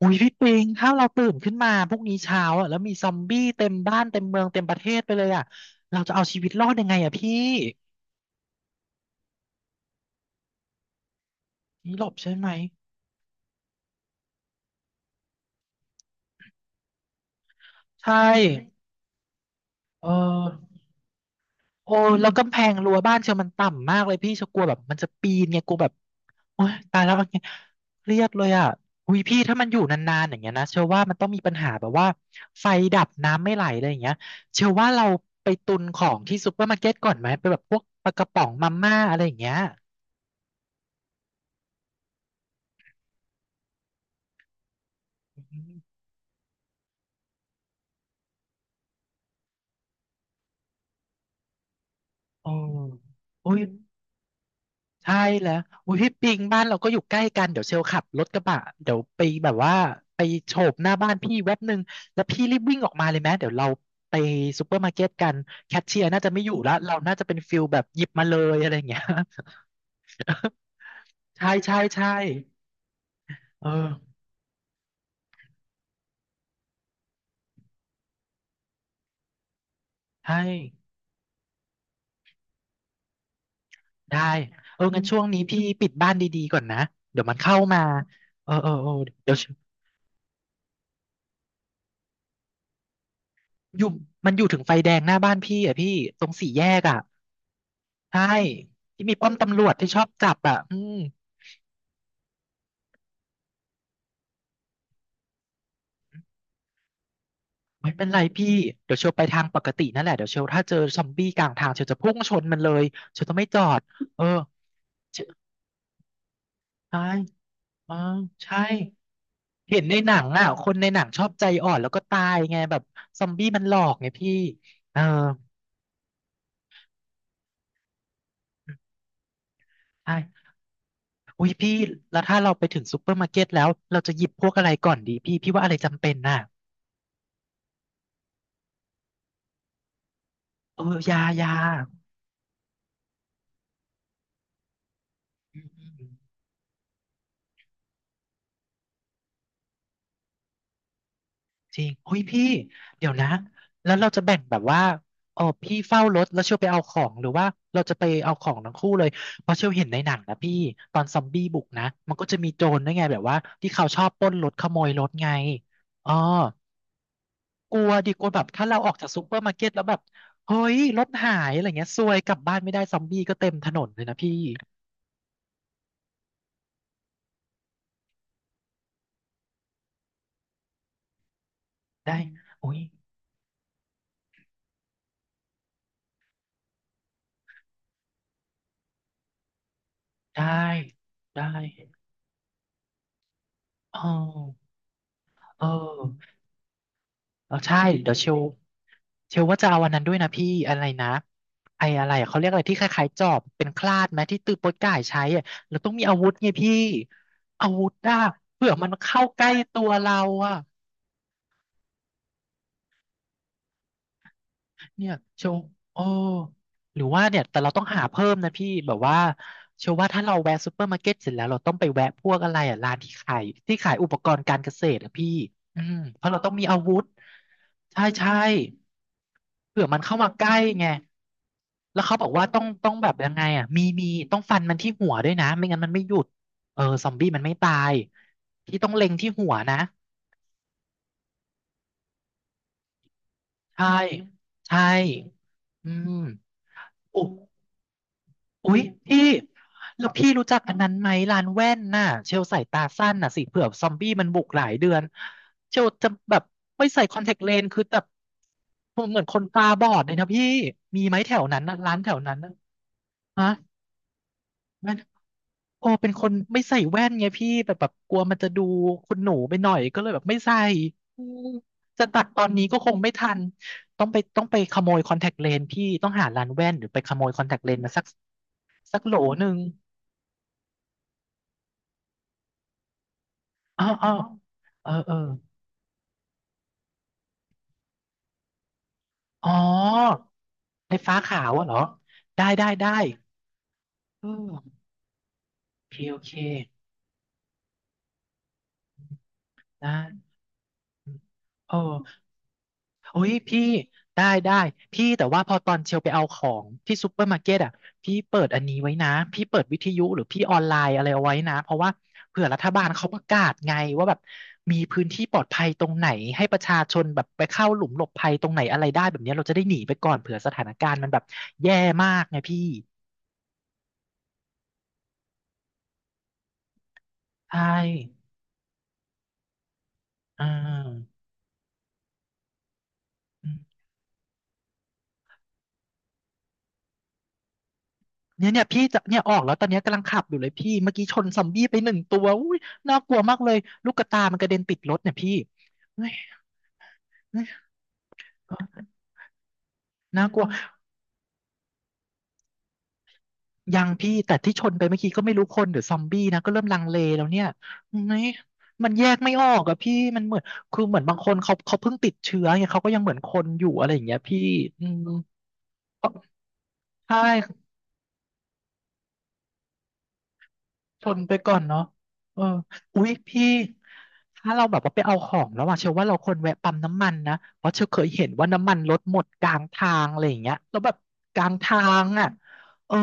อุ้ยพี่ปิงถ้าเราตื่นขึ้นมาพรุ่งนี้เช้าอะแล้วมีซอมบี้เต็มบ้านเต็มเมืองเต็มประเทศไปเลยอะเราจะเอาชีวิตรอดยังไงอ่ะพี่นี่หลบใช่ไหมใช่เออโอ้แล้วกำแพงรั้วบ้านเชียวมันต่ำมากเลยพี่เชียวกลัวแบบมันจะปีนไงกลัวแบบโอ๊ยตายแล้วอะไรเงยเครียดเลยอ่ะอุ้ยพี่ถ้ามันอยู่นานๆอย่างเงี้ยนะเชื่อว่ามันต้องมีปัญหาแบบว่าไฟดับน้ำไม่ไหลอะไรอย่างเงี้ยเชื่อว่าเราไปตุนของที่ซูเปอร์มาร์เก็ตก่อนไหมไปแบบพวกปลากระป๋องมาม่าอะไรอย่างเงี้ยอืม โอ้อุ้ยใช่แล้วอุ้ยพี่ปิงบ้านเราก็อยู่ใกล้กันเดี๋ยวเชลขับรถกระบะเดี๋ยวไปแบบว่าไปโฉบหน้าบ้านพี่แว็บหนึ่งแล้วพี่รีบวิ่งออกมาเลยไหมเดี๋ยวเราไปซูเปอร์มาร์เก็ตกันแคชเชียร์น่าจะไม่อยู่ละเราน่าจะเป็นฟิลแบบหยิบมาเลยอะไรอย่างเงี้ยใช่ใช่ใช่เออใช่ได้เอองั้นช่วงนี้พี่ปิดบ้านดีๆก่อนนะเดี๋ยวมันเข้ามาเออเออเออเดี๋ยวอยู่มันอยู่ถึงไฟแดงหน้าบ้านพี่อ่ะพี่ตรงสี่แยกอ่ะ ใช่ที่มีป้อมตำรวจที่ชอบจับอ่ะอืมไม่เป็นไรพี่เดี๋ยวเชลไปทางปกตินั่นแหละเดี๋ยวเชลถ้าเจอซอมบี้กลางทางเชลจะพุ่งชนมันเลยเชลจะไม่จอดเออเชลใช่เออใช่เห็นในหนังอ่ะคนในหนังชอบใจอ่อนแล้วก็ตายไงแบบซอมบี้มันหลอกไงพี่เออใช่อุ้ยพี่แล้วถ้าเราไปถึงซูเปอร์มาร์เก็ตแล้วเราจะหยิบพวกอะไรก่อนดีพี่พี่ว่าอะไรจำเป็นน่ะเออยายาอืม จริงอุ้ยพี่เดี๋ยวนะ แล้วเราจะแบ่งแบบว่าอ๋อพี่เฝ้ารถแล้วเชียวไปเอาของหรือว่าเราจะไปเอาของทั้งคู่เลย เพราะเชียวเห็นในหนังนะพี่ตอนซอมบี้บุกนะ มันก็จะมีโจรด้วยไงแบบว่าที่เขาชอบปล้นรถขโมยรถไงอ๋อกลัวดิกลัวแบบถ้าเราออกจากซูเปอร์มาร์เก็ตแล้วแบบเฮ้ยรถหายอะไรเงี้ยซวยกลับบ้านไม่ได้ซอมบี้ก็เต็มถนนเลยนะพี่ได้อุ้ยได้ได้อ๋อเออ เออใช่เดี๋ยวเชลเชลว่าจะเอาวันนั้นด้วยนะพี่อะไรนะไอ้อะไรอะเขาเรียกอะไรที่คล้ายๆจอบเป็นคลาดไหมที่ตือโป๊ยก่ายใช้อะเราต้องมีอาวุธไงพี่อาวุธอ่ะเผื่อมันเข้าใกล้ตัวเราอ่ะเนี่ยเชว์โอ้หรือว่าเนี่ยแต่เราต้องหาเพิ่มนะพี่แบบว่าเชื่อว่าถ้าเราแวะซูเปอร์มาร์เก็ตเสร็จแล้วเราต้องไปแวะพวกอะไรอ่ะร้านที่ขายอุปกรณ์การเกษตรอ่ะพี่อืมเพราะเราต้องมีอาวุธใช่ใช่ เผื่อมันเข้ามาใกล้ไงแล้วเขาบอกว่าต้องแบบยังไงอ่ะมีต้องฟันมันที่หัวด้วยนะไม่งั้นมันไม่หยุดเออซอมบี้มันไม่ตายที่ต้องเล็งที่หัวนะใช่ใช่อืมโอ้อุ๊ยพี่แล้วพี่รู้จักอันนั้นไหมร้านแว่นน่ะเชลใส่ตาสั้นน่ะสิเผื่อซอมบี้มันบุกหลายเดือนเชลจะแบบไม่ใส่คอนแทคเลนส์คือแบบเหมือนคนตาบอดเลยนะพี่ มีไหมแถวนั้นนะร้านแถวนั้นนะฮะ แว่นโอเป็นคนไม่ใส่แว่นไงพี่แบบกลัวมันจะดูคุณหนูไปหน่อยก็เลยแบบไม่ใส่อืมจะตัดตอนนี้ก็คงไม่ทันต้องไปขโมยคอนแทคเลนส์พี่ต้องหาร้านแว่นหรือไปขโมยคอนแทคเลนส์มาสักสักโหลหนึ่งอ๋ออ๋อเออเอออ๋อไฟฟ้าขาวอะเหรอได้ได้ได้เออโอเคโอเคนะเออ โอ้ยพี่ได้ได้พี่แต่ว่าพอตอนเชลไปเอาของที่ซูเปอร์มาร์เก็ตอ่ะพี่เปิดอันนี้ไว้นะพี่เปิดวิทยุหรือพี่ออนไลน์อะไรเอาไว้นะเพราะว่าเผื่อรัฐบาลเขาประกาศไงว่าแบบมีพื้นที่ปลอดภัยตรงไหนให้ประชาชนแบบไปเข้าหลุมหลบภัยตรงไหนอะไรได้แบบเนี้ยเราจะได้หนีไปก่อนเผื่อสถานการณ์มันแบบแย่มากไงพี่ใช่อ่า เนี่ยเนี่ยพี่จะเนี่ยออกแล้วตอนเนี้ยกำลังขับอยู่เลยพี่เมื่อกี้ชนซอมบี้ไปหนึ่งตัวอุ้ยน่ากลัวมากเลยลูกกระตามันกระเด็นติดรถเนี่ยพี่เฮ้ยเฮ้ยน่ากลัวยังพี่แต่ที่ชนไปเมื่อกี้ก็ไม่รู้คนหรือซอมบี้นะก็เริ่มลังเลแล้วเนี่ยเฮ้ยมันแยกไม่ออกอะพี่มันเหมือนคือเหมือนบางคนเขาเพิ่งติดเชื้อไงเขาก็ยังเหมือนคนอยู่อะไรอย่างเงี้ยพี่อืมใช่ ทนไปก่อนเนาะเอออุ๊ยพี่ ถ้าเราแบบว่าไปเอาของแล้วอะเชื่อว่าเราควรแวะปั๊มน้ำมันนะเพราะเชื่อเคยเห็นว่าน้ำมันลดหมดกลางทางอะไรอย่างเงี้ยแล้วแบบกลางทางอ่ะเออ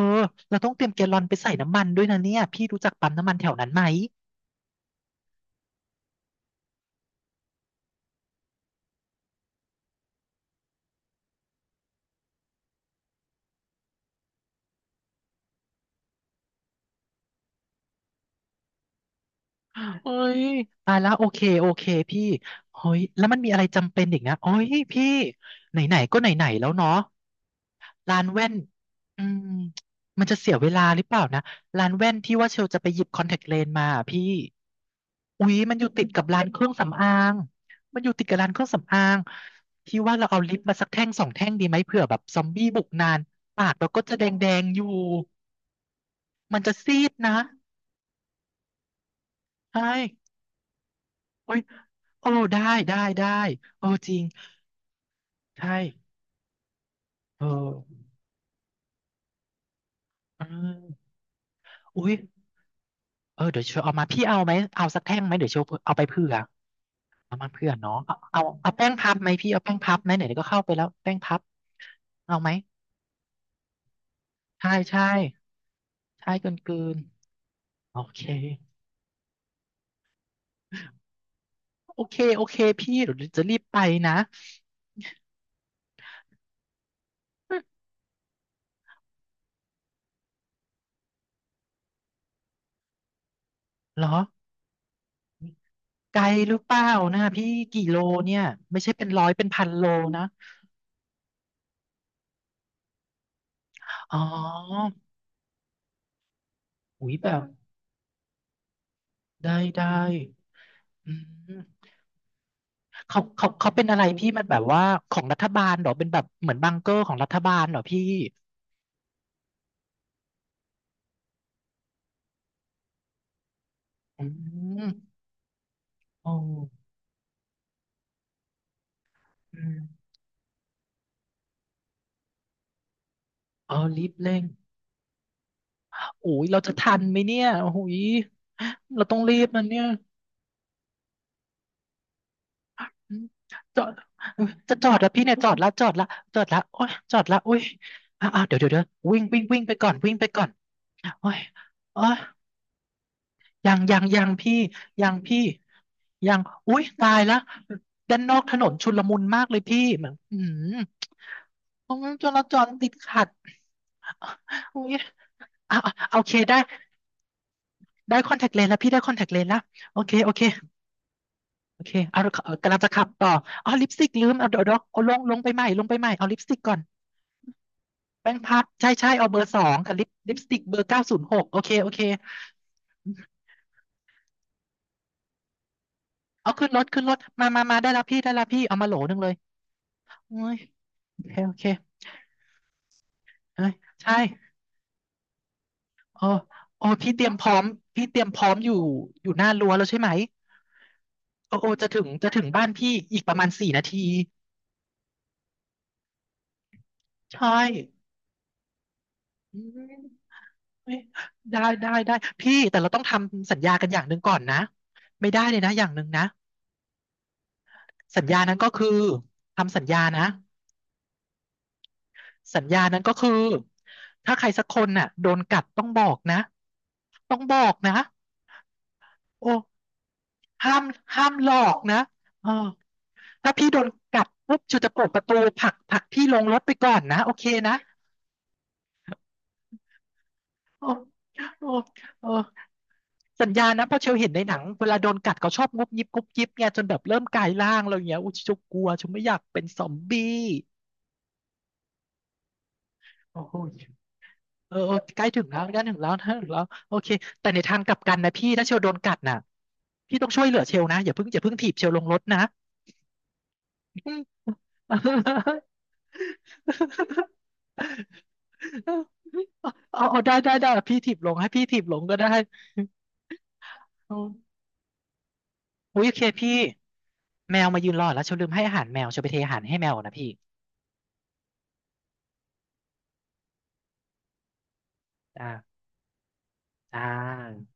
เราต้องเตรียมแกลลอนไปใส่น้ำมันด้วยนะเนี่ยพี่รู้จักปั๊มน้ำมันแถวนั้นไหมเอ้ยตายแล้วโอเคโอเคพี่เฮ้ยแล้วมันมีอะไรจำเป็นอีกนะเอ้ยพี่ไหนๆก็ไหนๆแล้วเนาะ ร้านแว่นอืมมันจะเสียเวลาหรือเปล่านะร้านแว่นที่ว่าเชลจะไปหยิบคอนแทคเลนส์มาอะพี่อุ๊ยมันอยู่ติดกับร้านเครื่องสำอางมันอยู่ติดกับร้านเครื่องสำอางพี่ว่าเราเอาลิปมาสักแท่งสองแท่งดีไหมเผื่อแบบซอมบี้บุกนานปากเราก็จะแดงแดงอยู่ มันจะซีดนะใช่โอ้ยโอ้ได้ได้ได้โอ้จริงใช่เออเอือุ๊ยเออเดี๋ยวเชลเอามาพี่เอาไหมเอาสักแท่งไหมเดี๋ยวเชลเอาไปเผื่อ น้ำมันเพื่อนเนาะเอาเอาเอาแป้งพับไหมพี่เอาแป้งพับไหมไหนๆก็เข้าไปแล้วแป้งพับเอาไหมใช่ใช่ใช่เกินเกินโอเคโอเคโอเคพี่เดี๋ยวจะรีบไปนะเหรอไกลหรือเปล่านะพี่กี่โลเนี่ยไม่ใช่เป็นร้อยเป็นพันโลนะอ๋ออุ้ยแบบได้ได้อืมเขาเป็นอะไรพี่มันแบบว่าของรัฐบาลเหรอเป็นแบบเหมือนบังเกอร์ของรัฐบาลเหรอพี่อืมโอ้อืม อ๋อรีบเร่งโอ้ยเราจะทันไหมเนี่ยโอ้ยเราต้องรีบนะเนี่ยอืมจอดจะจอดแล้วพี่เนี่ยจอดละจอดละจอดละโอ้ยจอดละโอ้ยอ่าเดี๋ยวเดี๋ยวเดี๋ยววิ่งวิ่งวิ่งไปก่อนวิ่งไปก่อนโอ้ยโอ้ยยังยังยังพี่ยังพี่ยังอุ้ยตายละด้านนอกถนนชุลมุนมากเลยพี่แบบอืมตรงนั้นจราจรติดขัดอุ้ยเอาเอาโอเคได้ได้คอนแทคเลนส์แล้วพี่ได้คอนแทคเลนส์แล้วโอเคโอเค โอเคเอาเอากำลังจะขับต่ออ๋อลิปสติกลืมเอาเดี๋ยวเดี๋ยวเอาลงลงไปใหม่ลงไปใหม่ เอาลิปสติกก่อนแป้งพับใช่ใช่เอาเบอร์ 2กับลิปลิปสติกเบอร์ 906โอเคโอเคเอาขึ้นรถขึ้นรถมามามาได้แล้วพี่ได้แล้วพี่เอามาโหลหนึ่งเลยโอ้ยโอเคโอเคเอ้ยใช่โอ้โอ้พี่เตรียมพร้อมพี่เตรียมพร้อมอยู่อยู่หน้ารั้วแล้วใช่ไหมโอ้โอ้จะถึงจะถึงบ้านพี่อีกประมาณ4 นาทีใช่อืม เอ้ยได้ได้ได้พี่แต่เราต้องทำสัญญากันอย่างหนึ่งก่อนนะไม่ได้เลยนะอย่างหนึ่งนะสัญญานั้นก็คือทำสัญญานะสัญญานั้นก็คือถ้าใครสักคนน่ะโดนกัดต้องบอกนะต้องบอกนะโอ้ห้ามห้ามหลอกนะเออถ้าพี่โดนกัดปุ๊บจูจะเปิดประตูผลักผลักพี่ลงรถไปก่อนนะโอเคนะโอ้โอ้โอ สัญญานะเพราะเชลเห็นในหนังเวลาโดนกัดเขาชอบงุบยิบงุบยิบไงจนแบบเริ่มกลายร่างอะไรอย่างเงี้ยอุ้ยฉันกลัวฉันไม่อยากเป็นซอมบี้โอ้ยเออเออใกล้ถึงแล้วใกล้ถึงแล้วใกล้ถึงแล้วโอเคแต่ในทางกลับกันนะพี่ถ้าเชลโดนกัดน่ะพี่ต้องช่วยเหลือเชลนะอย่าเพิ่งอย่าเพิ่งถีบเชลลงรถนะอืมเอาเอาได้ได้ได้พี่ถีบลงให้พี่ถีบลงก็ได้โอมอุ้ยโอเคพี่แมวมายืนรอแล้วเชลลืมให้อาหารแมวเชลไปเทอาหารให้แมวก่อนนะพี่ อ่าอ่า